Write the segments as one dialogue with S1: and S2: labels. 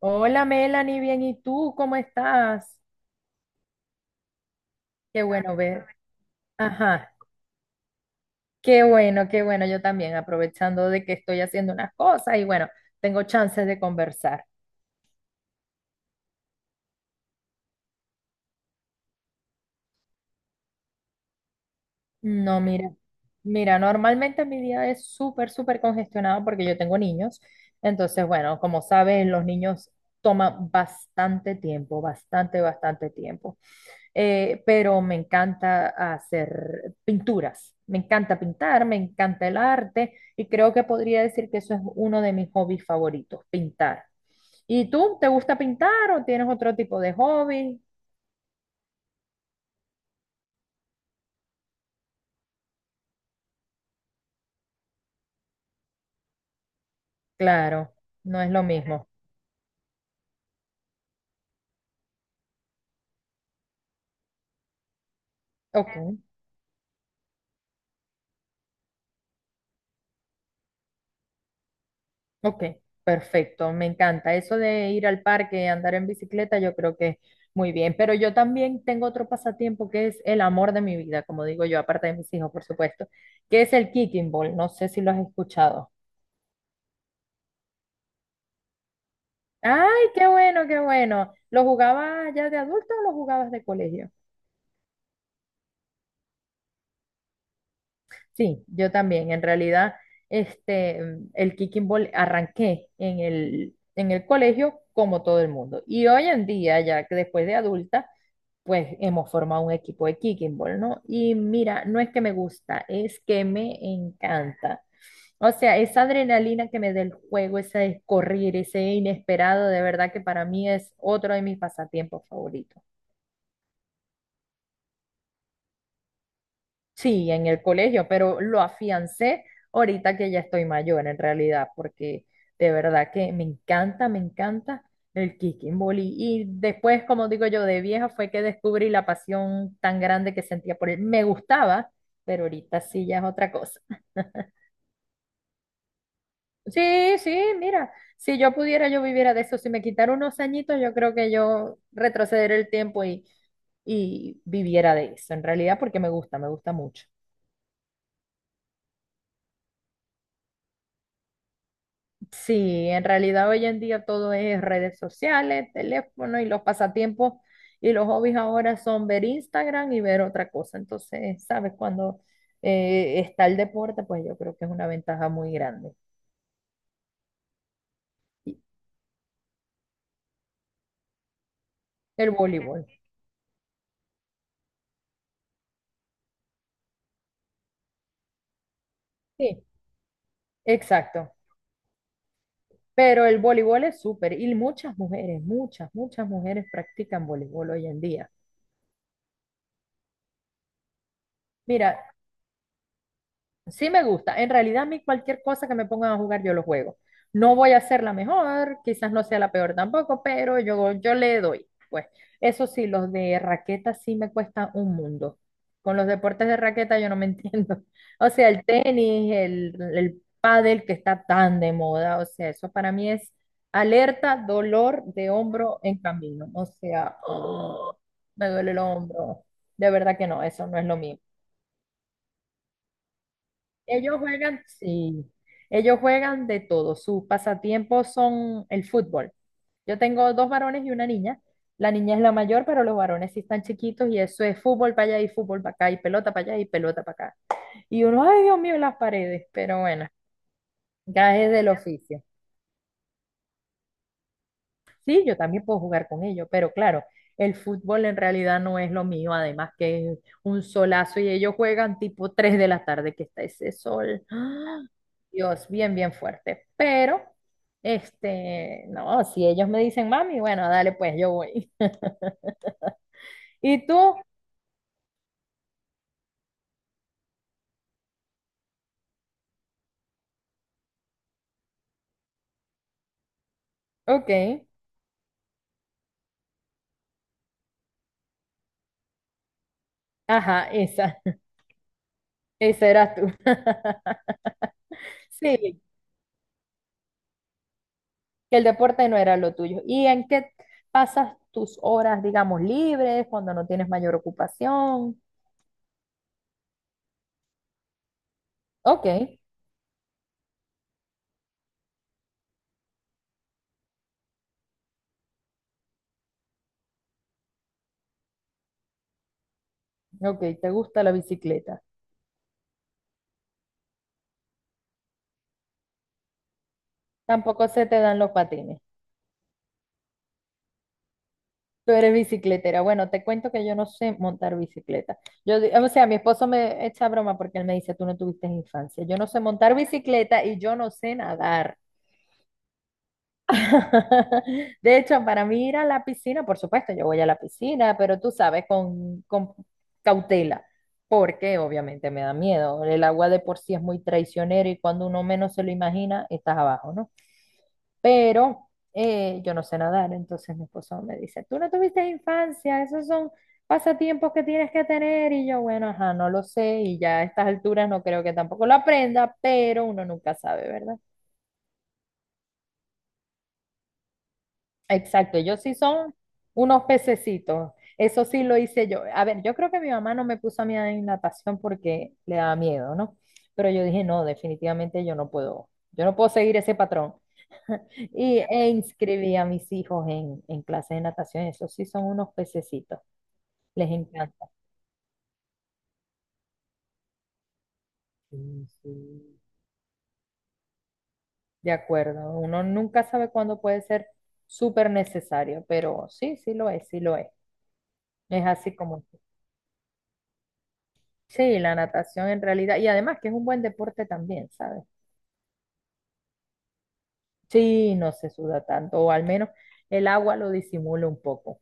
S1: Hola Melanie, bien, ¿y tú cómo estás? Qué bueno ver. Ajá, qué bueno, yo también, aprovechando de que estoy haciendo unas cosas y bueno, tengo chances de conversar. No, mira, normalmente mi día es súper, súper congestionado porque yo tengo niños. Entonces, bueno, como saben, los niños toman bastante tiempo, bastante, bastante tiempo. Pero me encanta hacer pinturas, me encanta pintar, me encanta el arte y creo que podría decir que eso es uno de mis hobbies favoritos, pintar. ¿Y tú, te gusta pintar o tienes otro tipo de hobby? Claro, no es lo mismo. Ok. Ok, perfecto, me encanta. Eso de ir al parque, andar en bicicleta, yo creo que muy bien. Pero yo también tengo otro pasatiempo que es el amor de mi vida, como digo yo, aparte de mis hijos, por supuesto, que es el kicking ball. No sé si lo has escuchado. Ay, qué bueno, qué bueno. ¿Lo jugabas ya de adulto o lo jugabas de colegio? Sí, yo también. En realidad, el kicking ball arranqué en el colegio como todo el mundo. Y hoy en día, ya que después de adulta, pues hemos formado un equipo de kicking ball, ¿no? Y mira, no es que me gusta, es que me encanta. O sea, esa adrenalina que me da el juego, ese correr, ese inesperado, de verdad que para mí es otro de mis pasatiempos favoritos. Sí, en el colegio, pero lo afiancé ahorita que ya estoy mayor en realidad, porque de verdad que me encanta el kicking volley. Y después, como digo yo, de vieja fue que descubrí la pasión tan grande que sentía por él. Me gustaba, pero ahorita sí ya es otra cosa. Sí, sí, mira, si yo pudiera, yo viviera de eso. Si me quitara unos añitos, yo creo que yo retrocederé el tiempo y viviera de eso, en realidad, porque me gusta mucho. Sí, en realidad hoy en día todo es redes sociales, teléfono y los pasatiempos y los hobbies ahora son ver Instagram y ver otra cosa. Entonces, sabes, cuando está el deporte, pues yo creo que es una ventaja muy grande. Y el voleibol. Sí, exacto. Pero el voleibol es súper y muchas mujeres, muchas, muchas mujeres practican voleibol hoy en día. Mira, sí me gusta. En realidad a mí cualquier cosa que me pongan a jugar yo lo juego. No voy a ser la mejor, quizás no sea la peor tampoco, pero yo le doy. Pues eso sí, los de raqueta sí me cuesta un mundo. Con los deportes de raqueta yo no me entiendo. O sea, el tenis, el pádel que está tan de moda, o sea, eso para mí es alerta, dolor de hombro en camino. O sea, ¡oh! me duele el hombro. De verdad que no, eso no es lo mío. Ellos juegan, sí, ellos juegan de todo. Sus pasatiempos son el fútbol. Yo tengo dos varones y una niña. La niña es la mayor, pero los varones sí están chiquitos y eso es fútbol para allá y fútbol para acá y pelota para allá y pelota para acá. Y uno, ay Dios mío, las paredes, pero bueno, ya es del oficio. Sí, yo también puedo jugar con ellos, pero claro, el fútbol en realidad no es lo mío, además que es un solazo y ellos juegan tipo 3 de la tarde que está ese sol. ¡Ah! Dios, bien, bien fuerte. Pero, no, si ellos me dicen, mami, bueno, dale, pues yo voy. ¿Y tú? Ok, ajá, esa, esa eras tú. Sí, que el deporte no era lo tuyo. ¿Y en qué pasas tus horas, digamos, libres, cuando no tienes mayor ocupación? Ok. Ok, te gusta la bicicleta. Tampoco se te dan los patines. Tú eres bicicletera. Bueno, te cuento que yo no sé montar bicicleta. Yo, di- o sea, mi esposo me echa broma porque él me dice, tú no tuviste infancia. Yo no sé montar bicicleta y yo no sé nadar. De hecho, para mí ir a la piscina, por supuesto, yo voy a la piscina, pero tú sabes, con cautela, porque obviamente me da miedo. El agua de por sí es muy traicionera y cuando uno menos se lo imagina, estás abajo, ¿no? Pero yo no sé nadar, entonces mi esposo me dice, tú no tuviste infancia, esos son pasatiempos que tienes que tener, y yo, bueno, ajá, no lo sé, y ya a estas alturas no creo que tampoco lo aprenda, pero uno nunca sabe, ¿verdad? Exacto, ellos sí son unos pececitos. Eso sí lo hice yo. A ver, yo creo que mi mamá no me puso a mí en natación porque le daba miedo, ¿no? Pero yo dije, no, definitivamente yo no puedo seguir ese patrón. Y e inscribí a mis hijos en clases de natación. Esos sí son unos pececitos, les encanta. Sí, sí. De acuerdo, uno nunca sabe cuándo puede ser súper necesario, pero sí, sí lo es, sí lo es. Es así como... Sí, la natación en realidad, y además que es un buen deporte también, ¿sabes? Sí, no se suda tanto, o al menos el agua lo disimula un poco.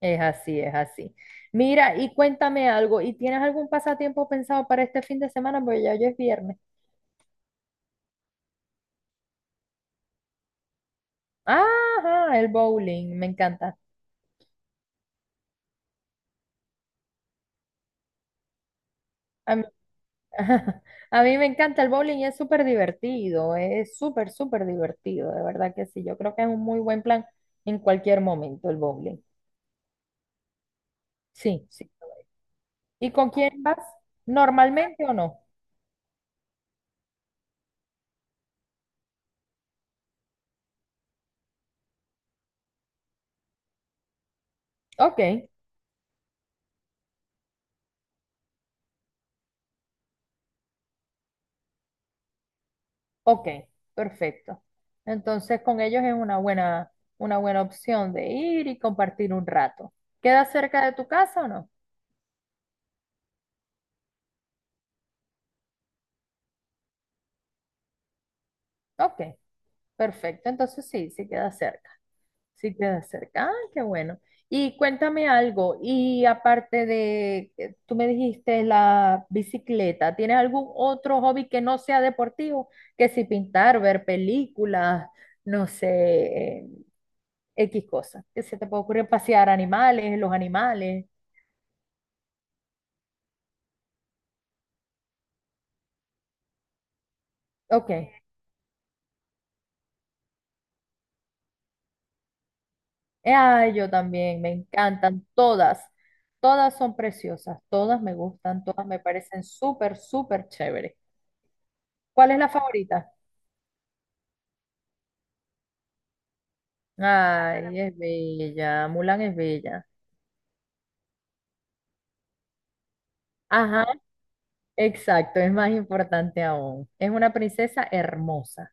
S1: Es así, es así. Mira, y cuéntame algo, ¿y tienes algún pasatiempo pensado para este fin de semana? Porque ya hoy es viernes. Ajá, el bowling, me encanta. A mí, a mí me encanta el bowling, es súper divertido, es súper, súper divertido, de verdad que sí. Yo creo que es un muy buen plan en cualquier momento el bowling. Sí, sí. ¿Y con quién vas? ¿Normalmente o no? Ok, ok, perfecto. Entonces con ellos es una buena opción de ir y compartir un rato. ¿Queda cerca de tu casa o no? Ok, perfecto. Entonces sí, sí queda cerca. Sí queda cerca. Ah, qué bueno. Y cuéntame algo. Y aparte de, tú me dijiste la bicicleta, ¿tienes algún otro hobby que no sea deportivo? Que si pintar, ver películas, no sé, eh, X cosas. Que se te puede ocurrir pasear animales, los animales. Ok. Ay, yo también, me encantan todas. Todas son preciosas, todas me gustan, todas me parecen súper, súper chéveres. ¿Cuál es la favorita? Ay, es bella, Mulan es bella. Ajá, exacto, es más importante aún. Es una princesa hermosa.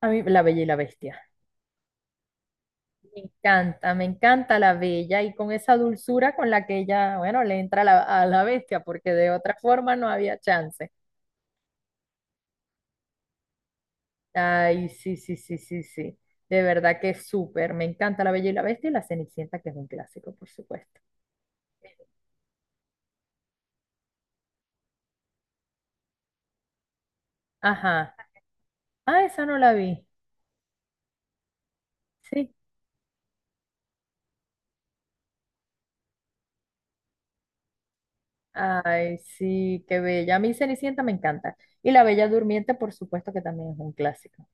S1: A mí, la Bella y la Bestia. Me encanta la bella y con esa dulzura con la que ella, bueno, le entra a la bestia, porque de otra forma no había chance. Ay, sí, sí, sí, sí, sí. De verdad que es súper. Me encanta la bella y la bestia y la Cenicienta, que es un clásico, por supuesto. Ajá. Ah, esa no la vi. Sí. Ay, sí, qué bella. A mí Cenicienta me encanta. Y la Bella Durmiente, por supuesto que también es un clásico.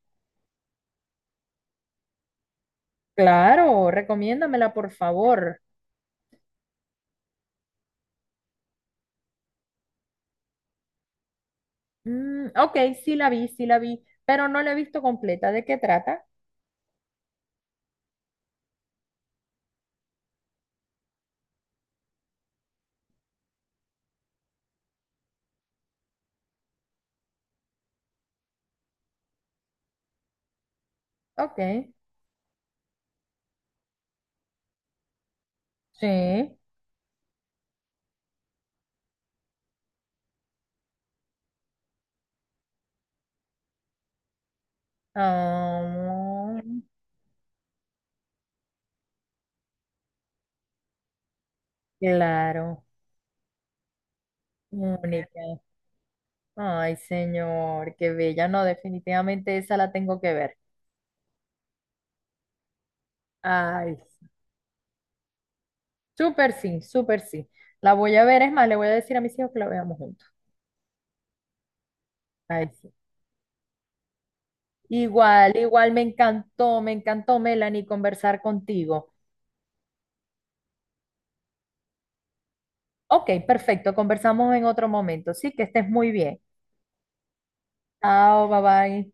S1: Claro, recomiéndamela, por favor. Mm, ok, sí la vi, pero no la he visto completa. ¿De qué trata? Ok, sí. Ah, claro, única. Ay, señor, qué bella. No, definitivamente esa la tengo que ver. Ay, súper sí, súper sí. La voy a ver, es más, le voy a decir a mis hijos que la veamos juntos. Ay, sí. Igual, igual me encantó, Melanie, conversar contigo. Ok, perfecto, conversamos en otro momento. Sí, que estés muy bien. Chao, bye bye.